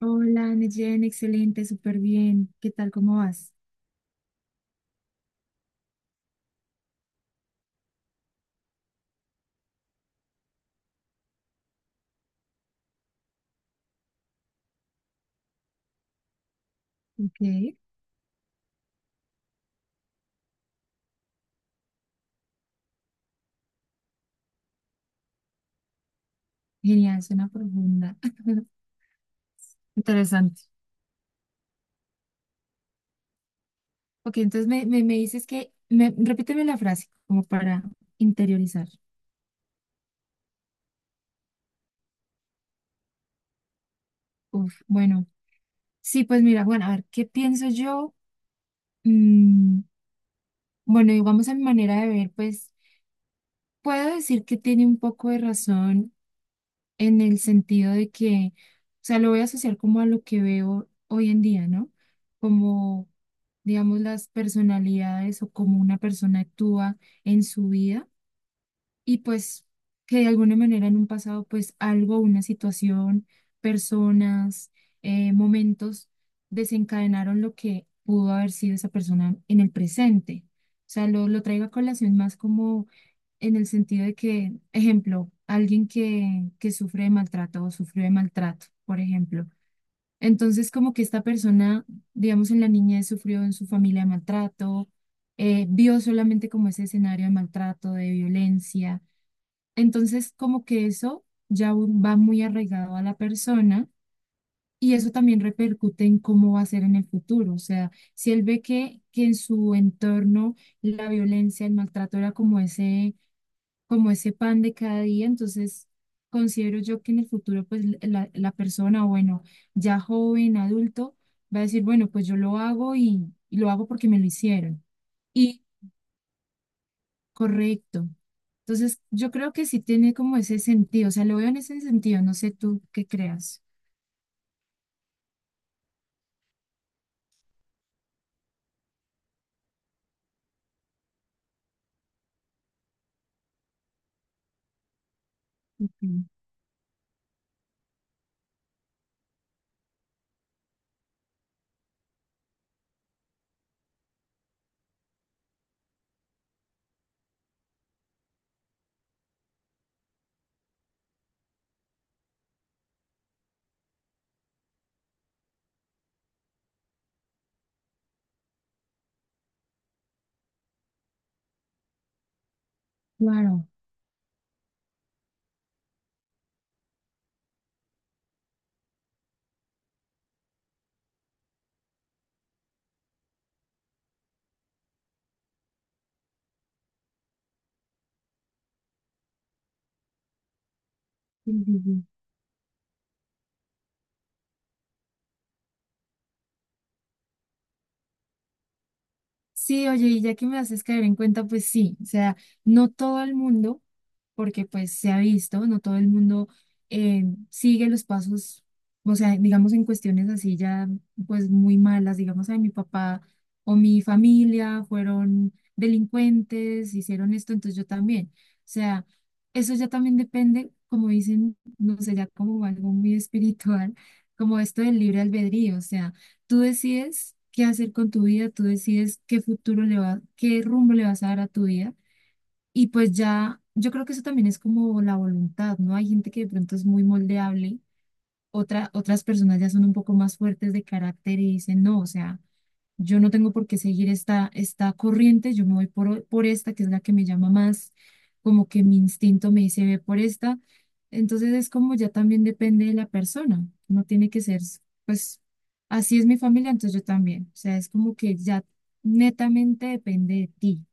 Hola, Neyen, excelente, súper bien. ¿Qué tal? ¿Cómo vas? Ok, genial, suena profunda. Interesante. Ok, entonces me dices que, me, repíteme la frase como para interiorizar. Uf, bueno, sí, pues mira, bueno, a ver, ¿qué pienso yo? Mm, bueno, y vamos a mi manera de ver, pues puedo decir que tiene un poco de razón en el sentido de que, o sea, lo voy a asociar como a lo que veo hoy en día, ¿no? Como, digamos, las personalidades o cómo una persona actúa en su vida y pues que de alguna manera en un pasado, pues algo, una situación, personas, momentos desencadenaron lo que pudo haber sido esa persona en el presente. O sea, lo traigo a colación más como en el sentido de que, ejemplo, alguien que sufre de maltrato o sufrió de maltrato, por ejemplo. Entonces, como que esta persona, digamos, en la niñez sufrió en su familia de maltrato, vio solamente como ese escenario de maltrato, de violencia entonces, como que eso ya va muy arraigado a la persona y eso también repercute en cómo va a ser en el futuro. O sea, si él ve que en su entorno la violencia, el maltrato era como ese pan de cada día, entonces considero yo que en el futuro, pues la, la persona, bueno, ya joven, adulto, va a decir, bueno, pues yo lo hago y lo hago porque me lo hicieron. Correcto. Entonces, yo creo que sí tiene como ese sentido, o sea, lo veo en ese sentido, no sé tú qué creas. Mm. Claro. Sí, sí, sí. Sí, oye, y ya que me haces caer en cuenta, pues sí, o sea, no todo el mundo, porque pues se ha visto, no todo el mundo sigue los pasos, o sea, digamos en cuestiones así ya pues muy malas, digamos, a mi papá o mi familia fueron delincuentes, hicieron esto, entonces yo también. O sea, eso ya también depende, como dicen, no sé, ya como algo muy espiritual, como esto del libre albedrío, o sea. Tú decides qué hacer con tu vida, tú decides qué futuro le va, qué rumbo le vas a dar a tu vida. Y pues ya, yo creo que eso también es como la voluntad, ¿no? Hay gente que de pronto es muy moldeable otra, otras personas ya son un poco más fuertes de carácter y dicen, no, o sea, yo no tengo por qué seguir esta, esta corriente, yo me voy por esta, que es la que me llama más, como que mi instinto me dice, ve por esta. Entonces es como ya también depende de la persona, no tiene que ser, pues, así es mi familia, entonces yo también. O sea, es como que ya netamente depende de ti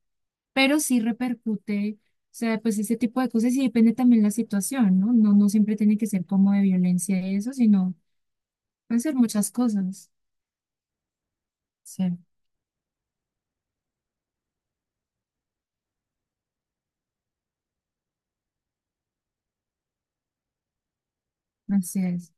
pero sí repercute, o sea, pues ese tipo de cosas y depende también la situación, ¿no? No, no siempre tiene que ser como de violencia y eso, sino pueden ser muchas cosas. Sí, así es.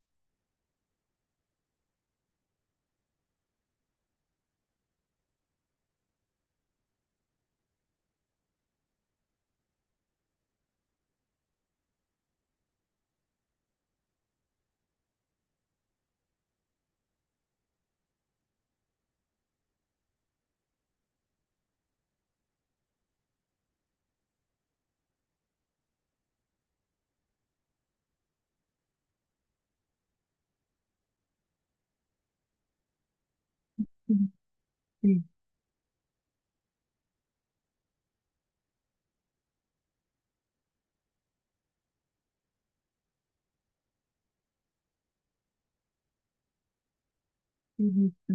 Sí, sí, correcto.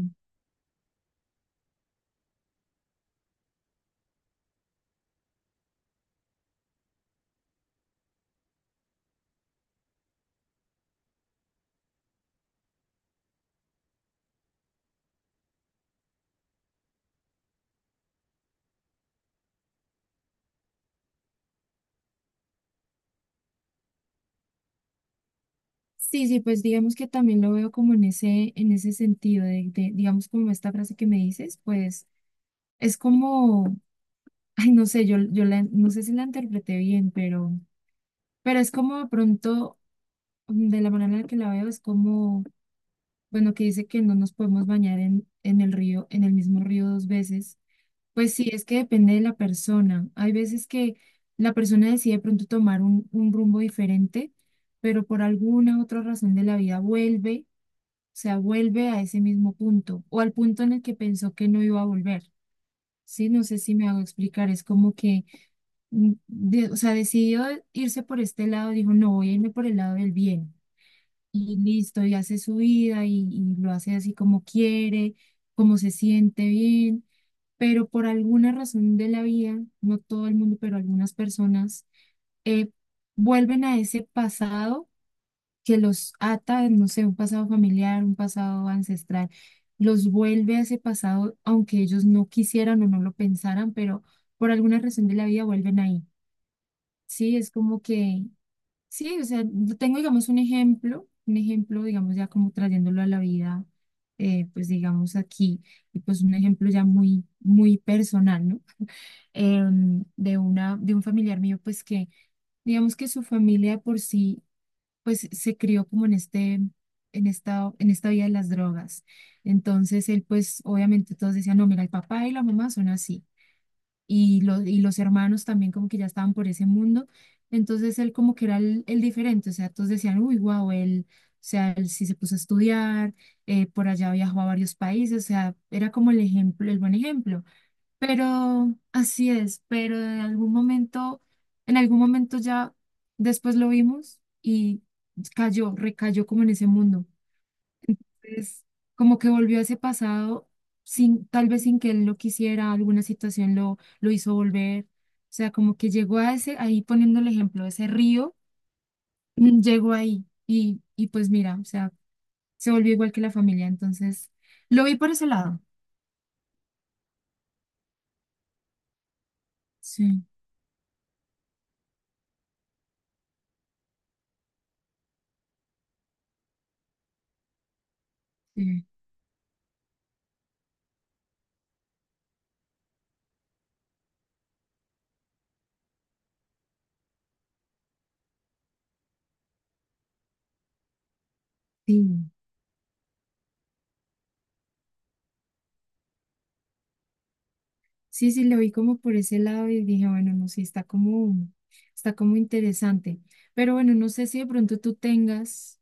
Sí, sí, pues digamos que también lo veo como en ese sentido de, digamos, como esta frase que me dices, pues es como, ay, no sé, yo la, no sé si la interpreté bien, pero es como de pronto, mm, de la manera en la que la veo, es como bueno, que dice que no nos podemos bañar en el río, en el mismo río dos veces. Pues sí, es que depende de la persona. Hay veces que la persona decide de pronto tomar un rumbo diferente, pero por alguna otra razón de la vida vuelve, o sea, vuelve a ese mismo punto o al punto en el que pensó que no iba a volver. Sí, no sé si me hago explicar, es como que, mm, o sea, decidió irse por este lado, dijo, no, voy a irme por el lado del bien y listo, y hace su vida y lo hace así como quiere, como se siente bien, pero por alguna razón de la vida, no todo el mundo, pero algunas personas, eh, vuelven a ese pasado que los ata, no sé, un pasado familiar, un pasado ancestral, los vuelve a ese pasado, aunque ellos no quisieran o no lo pensaran, pero por alguna razón de la vida vuelven ahí. Sí, es como que sí, o sea, yo tengo, digamos, un ejemplo, digamos, ya como trayéndolo a la vida, pues digamos aquí, y pues un ejemplo ya muy, muy personal, ¿no? De una, de un familiar mío, pues que, digamos que su familia de por sí, pues se crió como en este, en esta vida de las drogas. Entonces él, pues, obviamente todos decían, no, mira, el papá y la mamá son así y los hermanos también como que ya estaban por ese mundo. Entonces él como que era el diferente, o sea, todos decían, uy, wow, él, o sea, él sí se puso a estudiar, por allá viajó a varios países, o sea, era como el ejemplo, el buen ejemplo. Pero así es, pero en algún momento ya después lo vimos y cayó, recayó como en ese mundo pues como que volvió a ese pasado sin, tal vez sin que él lo quisiera, alguna situación lo hizo volver. O sea, como que llegó a ese, ahí poniendo el ejemplo, ese río, mm, llegó ahí y pues mira, o sea, se volvió igual que la familia. Entonces, lo vi por ese lado. Sí, sí, sí, sí, sí, lo vi como por ese lado y dije, bueno, no sé, está como interesante. Pero bueno, no sé si de pronto tú tengas.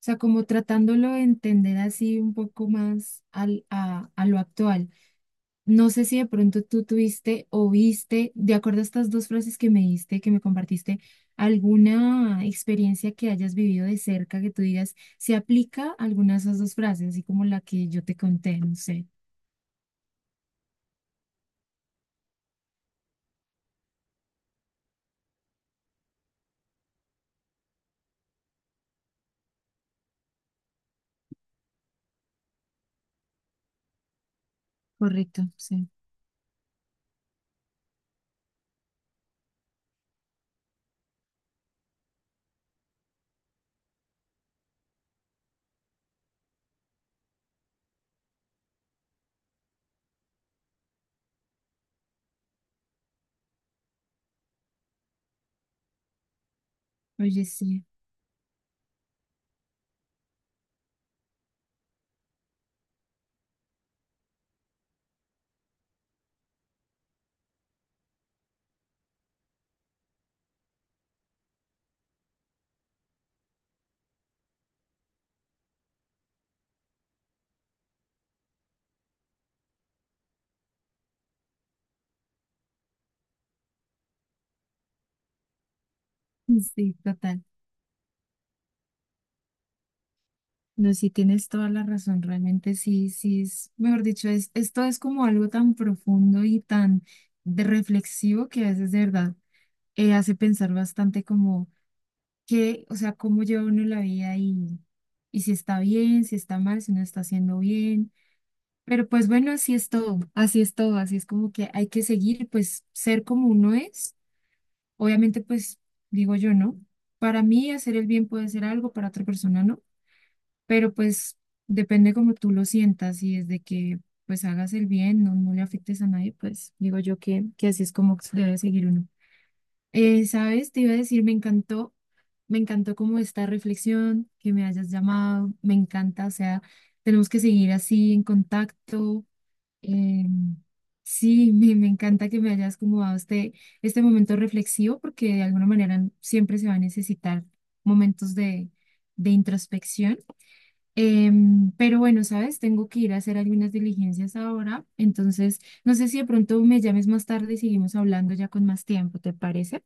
O sea, como tratándolo de entender así un poco más al, a lo actual. No sé si de pronto tú tuviste o viste, de acuerdo a estas dos frases que me diste, que me compartiste, alguna experiencia que hayas vivido de cerca que tú digas, se aplica alguna de esas dos frases, así como la que yo te conté, no sé. Correcto, sí. Oye, sí, sí, total. No, sí tienes toda la razón, realmente sí, sí es, mejor dicho, es, esto es como algo tan profundo y tan de reflexivo que a veces de verdad hace pensar bastante como qué, o sea, cómo lleva uno la vida y si está bien, si está mal, si no está haciendo bien. Pero pues bueno, así es todo, así es todo, así es como que hay que seguir, pues ser como uno es, obviamente pues digo yo, ¿no? Para mí hacer el bien puede ser algo, para otra persona no pero pues depende como tú lo sientas y desde que pues hagas el bien, no, no le afectes a nadie, pues digo yo que así es como debe seguir uno. ¿Sabes? Te iba a decir, me encantó como esta reflexión, que me hayas llamado, me encanta, o sea, tenemos que seguir así en contacto. eh, sí, me encanta que me hayas como dado este, este momento reflexivo porque de alguna manera siempre se va a necesitar momentos de introspección. Pero bueno, sabes, tengo que ir a hacer algunas diligencias ahora, entonces no sé si de pronto me llames más tarde y seguimos hablando ya con más tiempo, ¿te parece?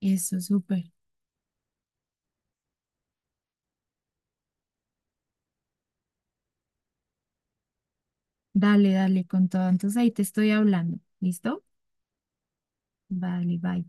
Eso, súper. Dale, dale, con todo. Entonces ahí te estoy hablando. ¿Listo? Vale, bye.